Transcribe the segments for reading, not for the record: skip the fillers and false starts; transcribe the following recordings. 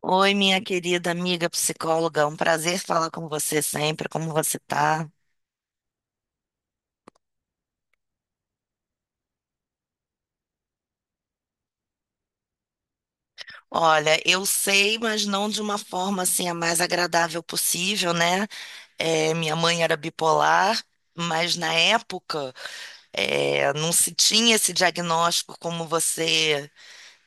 Oi, minha querida amiga psicóloga, um prazer falar com você sempre. Como você tá? Olha, eu sei, mas não de uma forma assim a mais agradável possível, né? Minha mãe era bipolar, mas na época não se tinha esse diagnóstico como você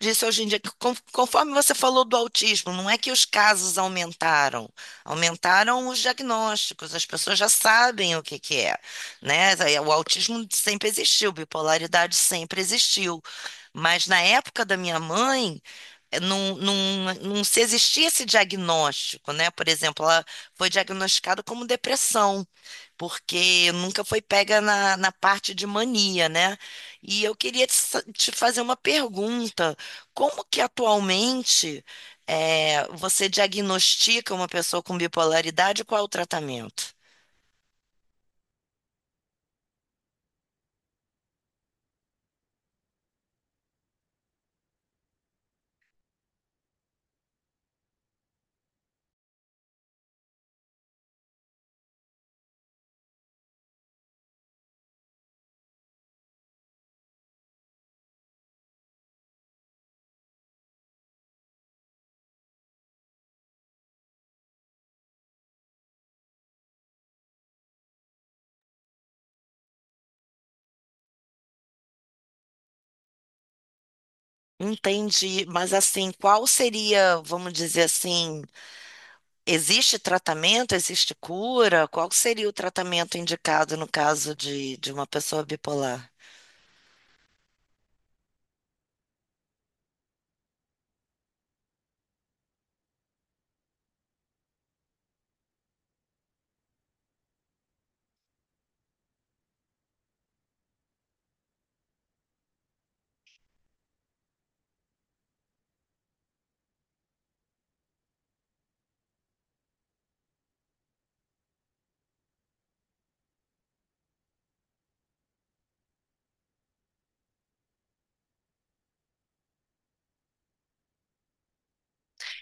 disso hoje em dia, que conforme você falou do autismo, não é que os casos aumentaram, aumentaram os diagnósticos, as pessoas já sabem o que que é, né? O autismo sempre existiu, bipolaridade sempre existiu, mas na época da minha mãe, eh, não, não, não se existia esse diagnóstico, né? Por exemplo, ela foi diagnosticada como depressão porque nunca foi pega na parte de mania, né? E eu queria te fazer uma pergunta: como que atualmente você diagnostica uma pessoa com bipolaridade e qual é o tratamento? Entendi, mas assim, qual seria, vamos dizer assim, existe tratamento, existe cura? Qual seria o tratamento indicado no caso de uma pessoa bipolar?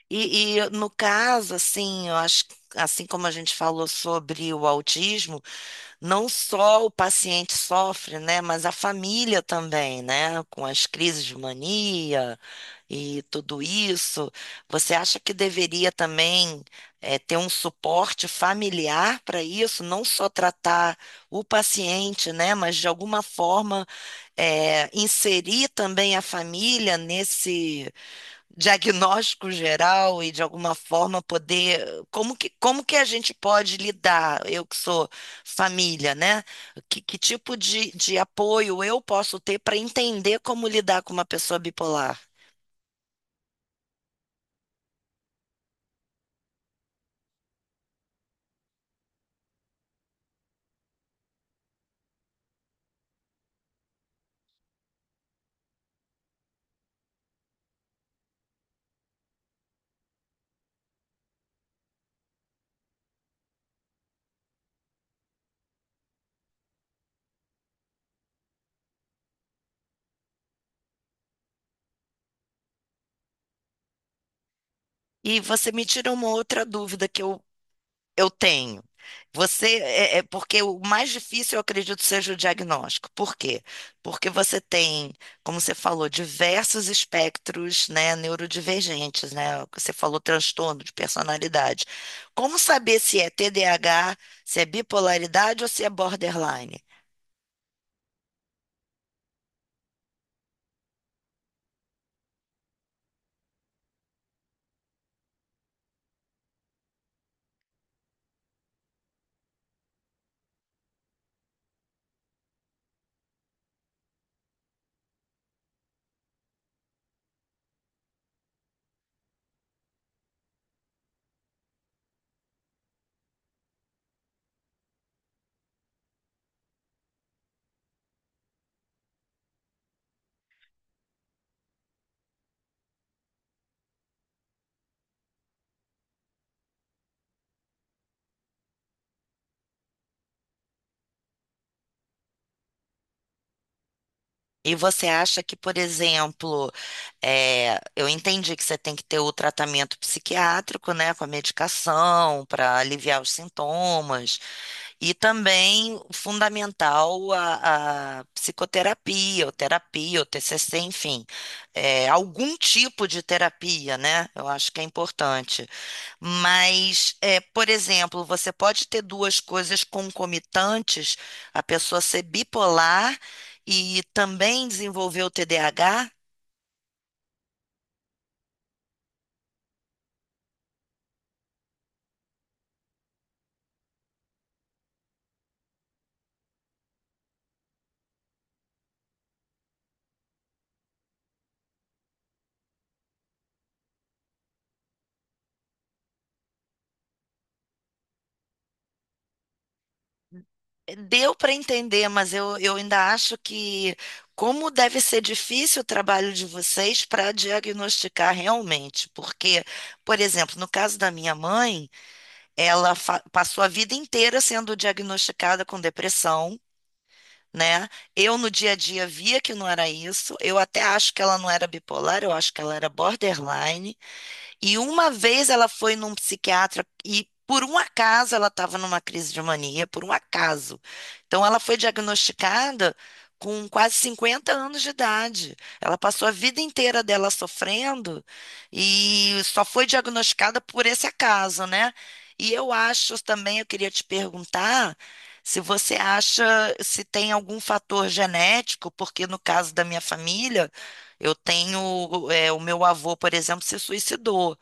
E no caso, assim, eu acho, que, assim como a gente falou sobre o autismo, não só o paciente sofre, né, mas a família também, né, com as crises de mania e tudo isso. Você acha que deveria também ter um suporte familiar para isso, não só tratar o paciente, né, mas de alguma forma inserir também a família nesse diagnóstico geral e de alguma forma poder, como que a gente pode lidar, eu que sou família, né? Que tipo de apoio eu posso ter para entender como lidar com uma pessoa bipolar? E você me tira uma outra dúvida que eu tenho. Você porque o mais difícil, eu acredito, seja o diagnóstico. Por quê? Porque você tem, como você falou, diversos espectros, né, neurodivergentes, né? Você falou transtorno de personalidade. Como saber se é TDAH, se é bipolaridade ou se é borderline? E você acha que, por exemplo, eu entendi que você tem que ter o tratamento psiquiátrico, né, com a medicação para aliviar os sintomas, e também fundamental a psicoterapia, ou terapia, ou TCC, enfim, algum tipo de terapia, né? Eu acho que é importante. Mas, é, por exemplo, você pode ter duas coisas concomitantes, a pessoa ser bipolar e também desenvolver o TDAH. Deu para entender, mas eu ainda acho que como deve ser difícil o trabalho de vocês para diagnosticar realmente. Porque, por exemplo, no caso da minha mãe, ela passou a vida inteira sendo diagnosticada com depressão, né? Eu no dia a dia via que não era isso. Eu até acho que ela não era bipolar, eu acho que ela era borderline. E uma vez ela foi num psiquiatra e por um acaso ela estava numa crise de mania, por um acaso. Então ela foi diagnosticada com quase 50 anos de idade. Ela passou a vida inteira dela sofrendo e só foi diagnosticada por esse acaso, né? E eu acho também, eu queria te perguntar se você acha se tem algum fator genético, porque no caso da minha família eu tenho, é, o meu avô, por exemplo, se suicidou.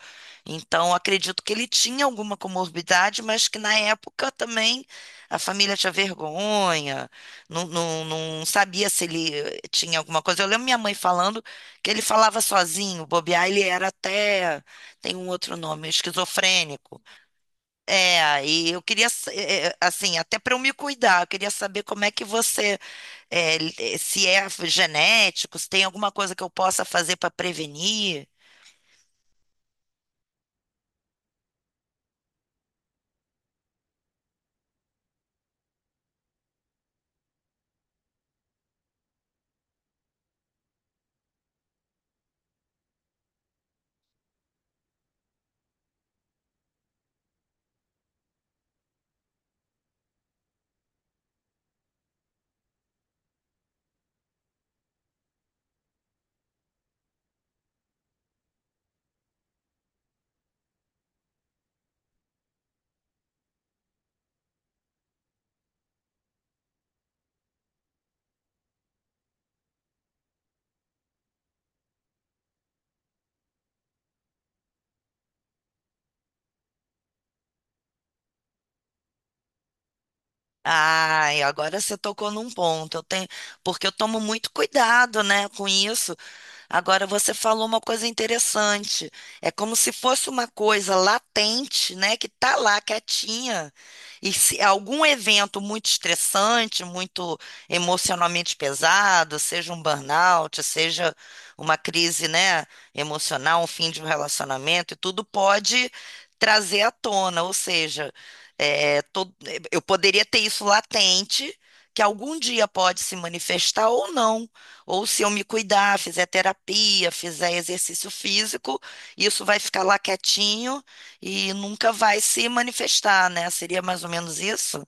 Então, acredito que ele tinha alguma comorbidade, mas que na época também a família tinha vergonha, não sabia se ele tinha alguma coisa. Eu lembro minha mãe falando que ele falava sozinho, bobear, ele era até, tem um outro nome, esquizofrênico. E eu queria, sa- eh, eh, assim, até para eu me cuidar, eu queria saber como é que você é, se é genético, se tem alguma coisa que eu possa fazer para prevenir. Ai, agora você tocou num ponto. Eu tenho, porque eu tomo muito cuidado, né, com isso. Agora você falou uma coisa interessante. É como se fosse uma coisa latente, né, que tá lá quietinha. E se algum evento muito estressante, muito emocionalmente pesado, seja um burnout, seja uma crise, né, emocional, um fim de um relacionamento, e tudo pode trazer à tona. Ou seja, é, to- eu poderia ter isso latente, que algum dia pode se manifestar ou não. Ou se eu me cuidar, fizer terapia, fizer exercício físico, isso vai ficar lá quietinho e nunca vai se manifestar, né? Seria mais ou menos isso?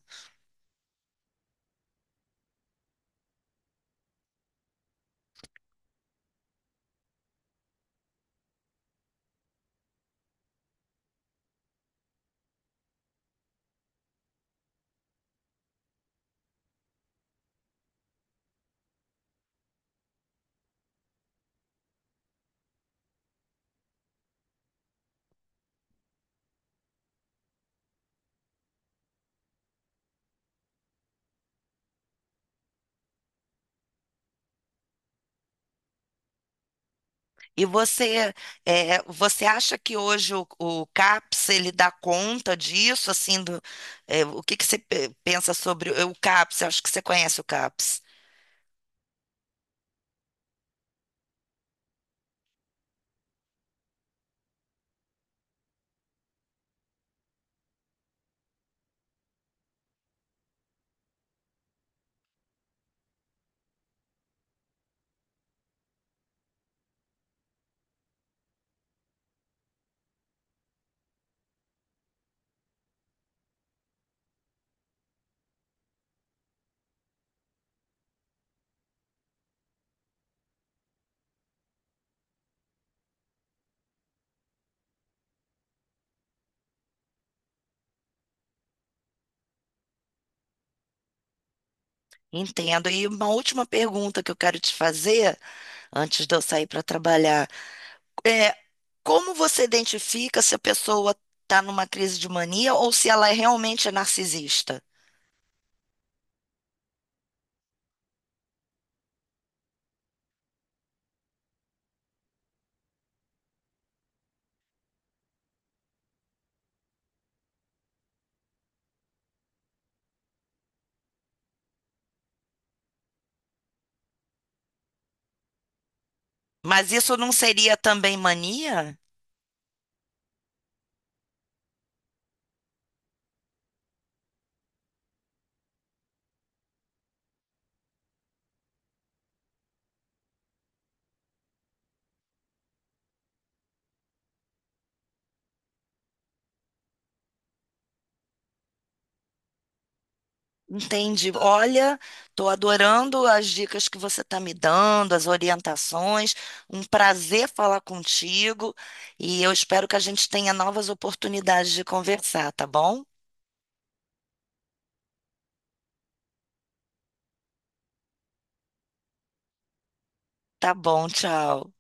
E você, você acha que hoje o CAPS ele dá conta disso? Assim, do, é, o que que você pensa sobre o CAPS? Eu acho que você conhece o CAPS. Entendo. E uma última pergunta que eu quero te fazer antes de eu sair para trabalhar. É, como você identifica se a pessoa está numa crise de mania ou se ela é realmente narcisista? Mas isso não seria também mania? Entendi. Olha, estou adorando as dicas que você está me dando, as orientações. Um prazer falar contigo e eu espero que a gente tenha novas oportunidades de conversar, tá bom? Tá bom, tchau.